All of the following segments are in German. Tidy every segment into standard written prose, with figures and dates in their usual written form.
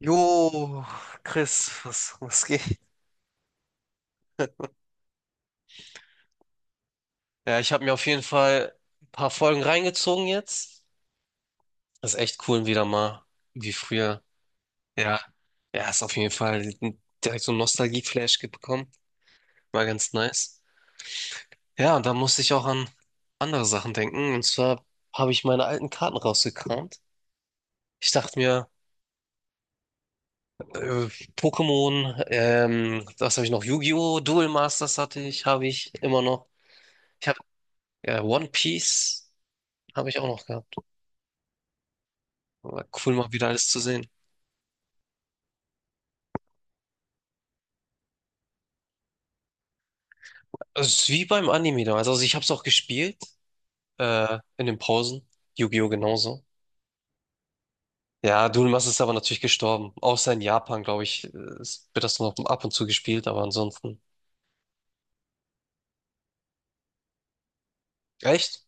Jo, Chris, was geht? Ja, ich habe mir auf jeden Fall ein paar Folgen reingezogen jetzt. Das ist echt cool, wieder mal wie früher. Ja, ja, ist auf jeden Fall direkt so ein Nostalgie-Flash bekommen. War ganz nice. Ja, und da musste ich auch an andere Sachen denken. Und zwar habe ich meine alten Karten rausgekramt. Ich dachte mir, äh, Pokémon, was habe ich noch? Yu-Gi-Oh! Duel Masters hatte ich, habe ich immer noch. Ich habe ja, One Piece habe ich auch noch gehabt. Aber Cool, mal wieder alles zu sehen. Also, es ist wie beim Anime damals. Also ich habe es auch gespielt, in den Pausen. Yu-Gi-Oh! Genauso. Ja, Duel-Master ist aber natürlich gestorben. Außer in Japan, glaube ich, wird das noch ab und zu gespielt, aber ansonsten. Echt?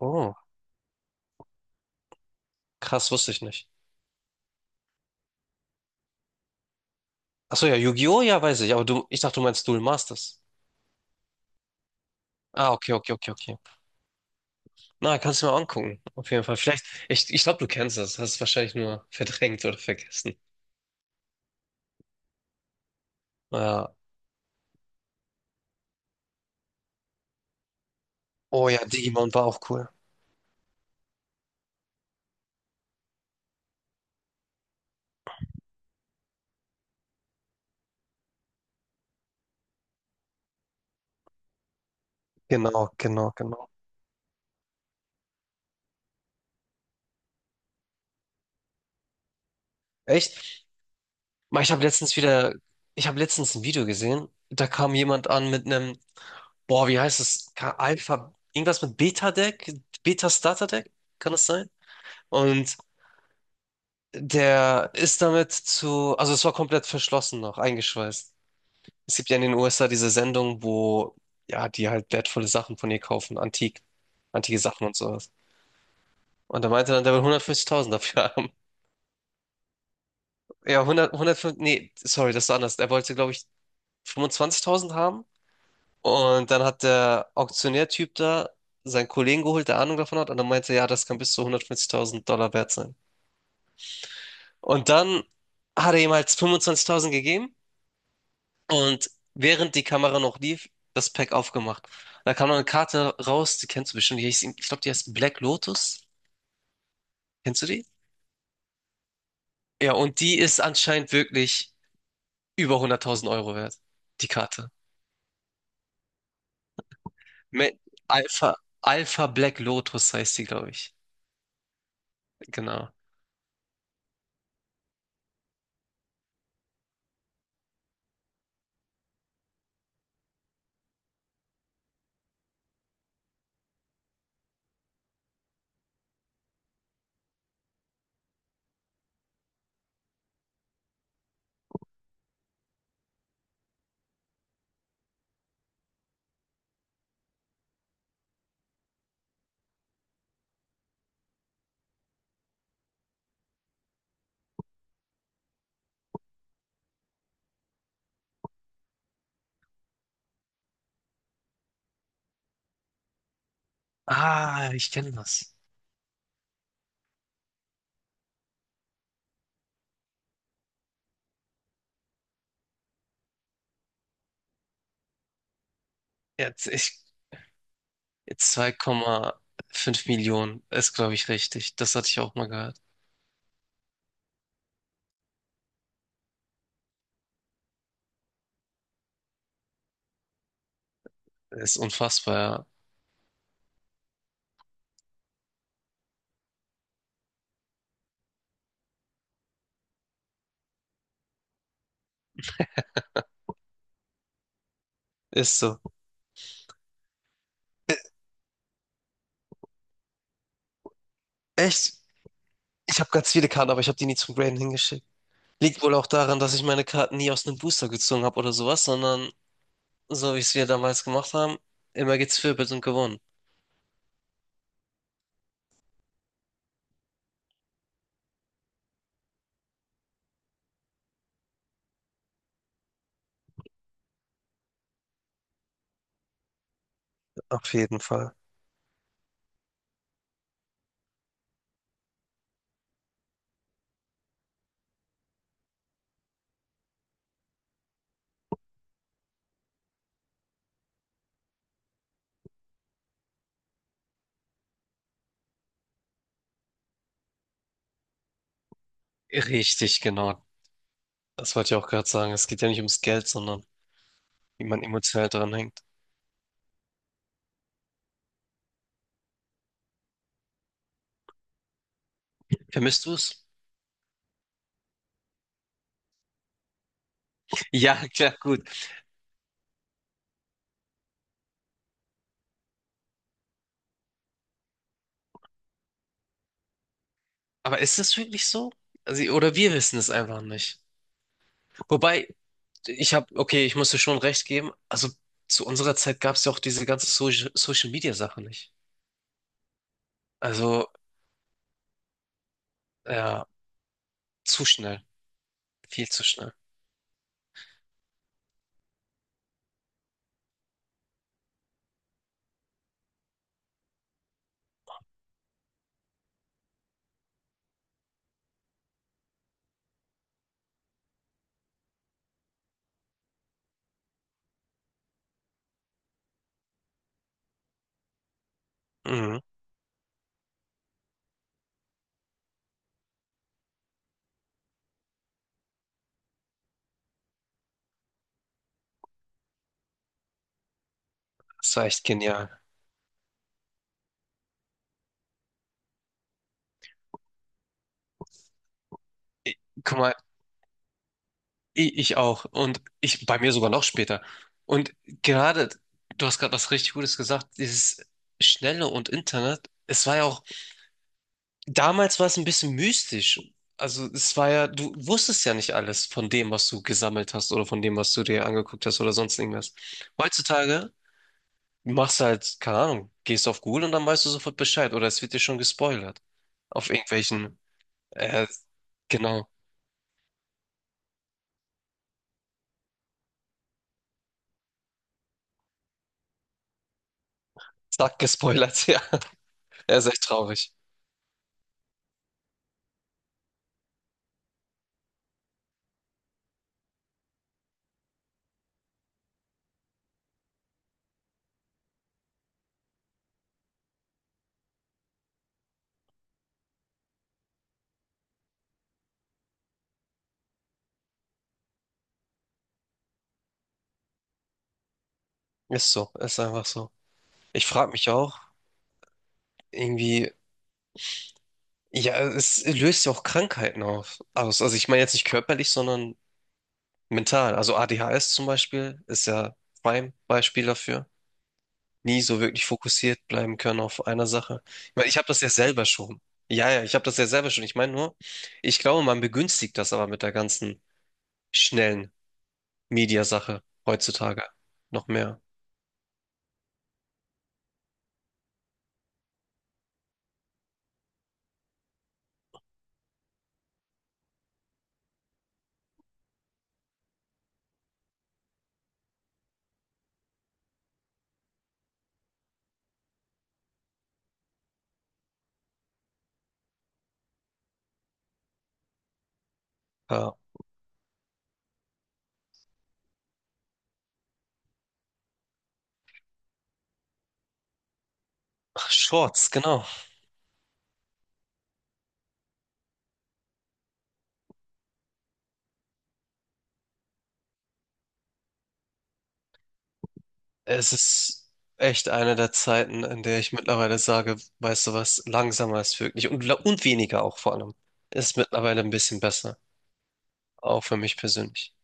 Oh, krass, wusste ich nicht. Achso, ja, Yu-Gi-Oh! Ja, weiß ich, aber du, ich dachte, du meinst Duel Masters. Ah, okay, okay, okay, okay. Na, kannst du mal angucken. Auf jeden Fall. Vielleicht, ich glaube, du kennst das. Hast es wahrscheinlich nur verdrängt oder vergessen. Ja. Oh ja, Digimon war auch cool. Genau, genau, genau. Echt? Ich habe letztens wieder, ich habe letztens ein Video gesehen, da kam jemand an mit einem, boah, wie heißt es? Alpha, irgendwas mit Beta-Deck, Beta-Starter-Deck, kann das sein? Und der ist damit zu, also es war komplett verschlossen noch, eingeschweißt. Es gibt ja in den USA diese Sendung, wo, ja, die halt wertvolle Sachen von ihr kaufen, antik, antike Sachen und sowas. Und da meinte dann, der will 150.000 dafür haben. Ja, hundert, hundertfünf, nee, sorry, das ist anders. Er wollte, glaube ich, 25.000 haben. Und dann hat der Auktionärtyp da seinen Kollegen geholt, der Ahnung davon hat, und dann meinte, er, ja, das kann bis zu 150.000$ wert sein. Und dann hat er ihm halt 25.000 gegeben und während die Kamera noch lief, das Pack aufgemacht. Da kam noch eine Karte raus, die kennst du bestimmt, die hieß, ich glaube, die heißt Black Lotus. Kennst du die? Ja, und die ist anscheinend wirklich über 100.000€ wert, die Karte. Me- Alpha, Alpha Black Lotus heißt die, glaube ich. Genau. Ah, ich kenne das. Jetzt, ich, jetzt 2,5 Millionen ist, glaube ich, richtig. Das hatte ich auch mal gehört. Ist unfassbar, ja. Ist so. Äh, Echt? Ich habe ganz viele Karten, aber ich habe die nie zum Graden hingeschickt. Liegt wohl auch daran, dass ich meine Karten nie aus einem Booster gezogen habe oder sowas, sondern so wie es wir damals gemacht haben, immer gezwirbelt und gewonnen. Auf jeden Fall. Richtig, genau. Das wollte ich auch gerade sagen. Es geht ja nicht ums Geld, sondern wie man emotional dran hängt. Vermisst du es? Ja, klar, gut. Aber ist es wirklich so? Also, oder wir wissen es einfach nicht. Wobei, ich habe, okay, ich muss dir schon recht geben. Also zu unserer Zeit gab es ja auch diese ganze so Social Media Sache nicht. Also, ja, zu schnell, viel zu schnell. Mhm. Das war echt genial. Ich, guck mal, ich auch. Und ich bei mir sogar noch später. Und gerade, du hast gerade was richtig Gutes gesagt, dieses Schnelle und Internet, es war ja auch damals war es ein bisschen mystisch. Also es war ja, du wusstest ja nicht alles von dem, was du gesammelt hast oder von dem, was du dir angeguckt hast oder sonst irgendwas. Heutzutage machst du halt, keine Ahnung, gehst auf Google und dann weißt du sofort Bescheid oder es wird dir schon gespoilert. Auf irgendwelchen, äh, genau, zack, gespoilert, ja. Er ist echt traurig. Ist so, ist einfach so. Ich frage mich auch, irgendwie, ja, es löst ja auch Krankheiten auf, aus. Also ich meine jetzt nicht körperlich, sondern mental, also ADHS zum Beispiel ist ja Prime-Beispiel dafür. Nie so wirklich fokussiert bleiben können auf einer Sache. Ich meine, ich habe das ja selber schon. Ja, ja, ich habe das ja selber schon. Ich meine nur, ich glaube, man begünstigt das aber mit der ganzen schnellen Mediasache heutzutage noch mehr. Ja. Ach, Shorts, genau. Es ist echt eine der Zeiten, in der ich mittlerweile sage, weißt du was, langsamer ist wirklich und, weniger auch vor allem. Ist mittlerweile ein bisschen besser, auch für mich persönlich.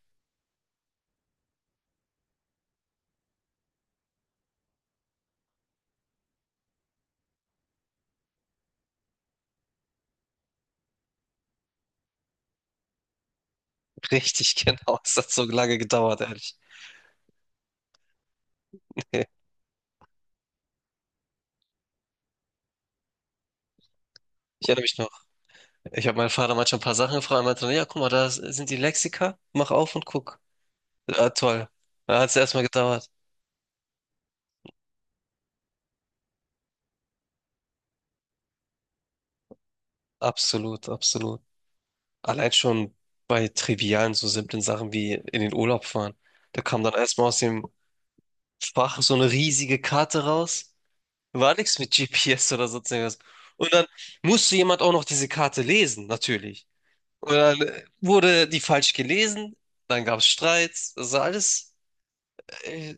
Richtig, genau. Es hat so lange gedauert, ehrlich. Nee, ich erinnere mich noch. Ich habe meinen Vater manchmal ein paar Sachen gefragt. Er meinte, dann, ja, guck mal, da sind die Lexika. Mach auf und guck. Ah, toll. Da hat es erstmal gedauert. Absolut, absolut. Allein schon bei trivialen, so simplen Sachen wie in den Urlaub fahren. Da kam dann erstmal aus dem Fach so eine riesige Karte raus. War nichts mit GPS oder sonst irgendwas. Und dann musste jemand auch noch diese Karte lesen, natürlich. Oder wurde die falsch gelesen? Dann gab es Streit. Das war alles. Äh,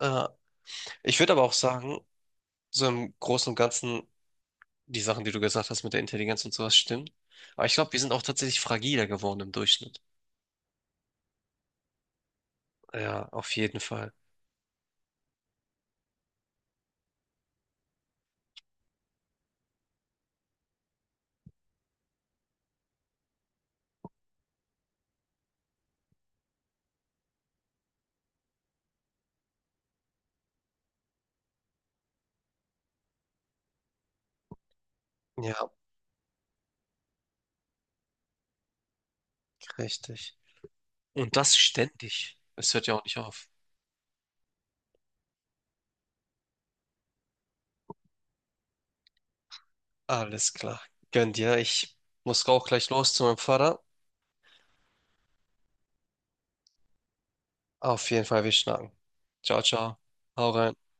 äh. Ich würde aber auch sagen, so im Großen und Ganzen, die Sachen, die du gesagt hast mit der Intelligenz und sowas, stimmen. Aber ich glaube, wir sind auch tatsächlich fragiler geworden im Durchschnitt. Ja, auf jeden Fall. Ja, richtig. Und das ständig. Es hört ja auch nicht auf. Alles klar. Gönn dir. Ich muss auch gleich los zu meinem Vater. Auf jeden Fall, wir schnacken. Ciao, ciao. Hau rein.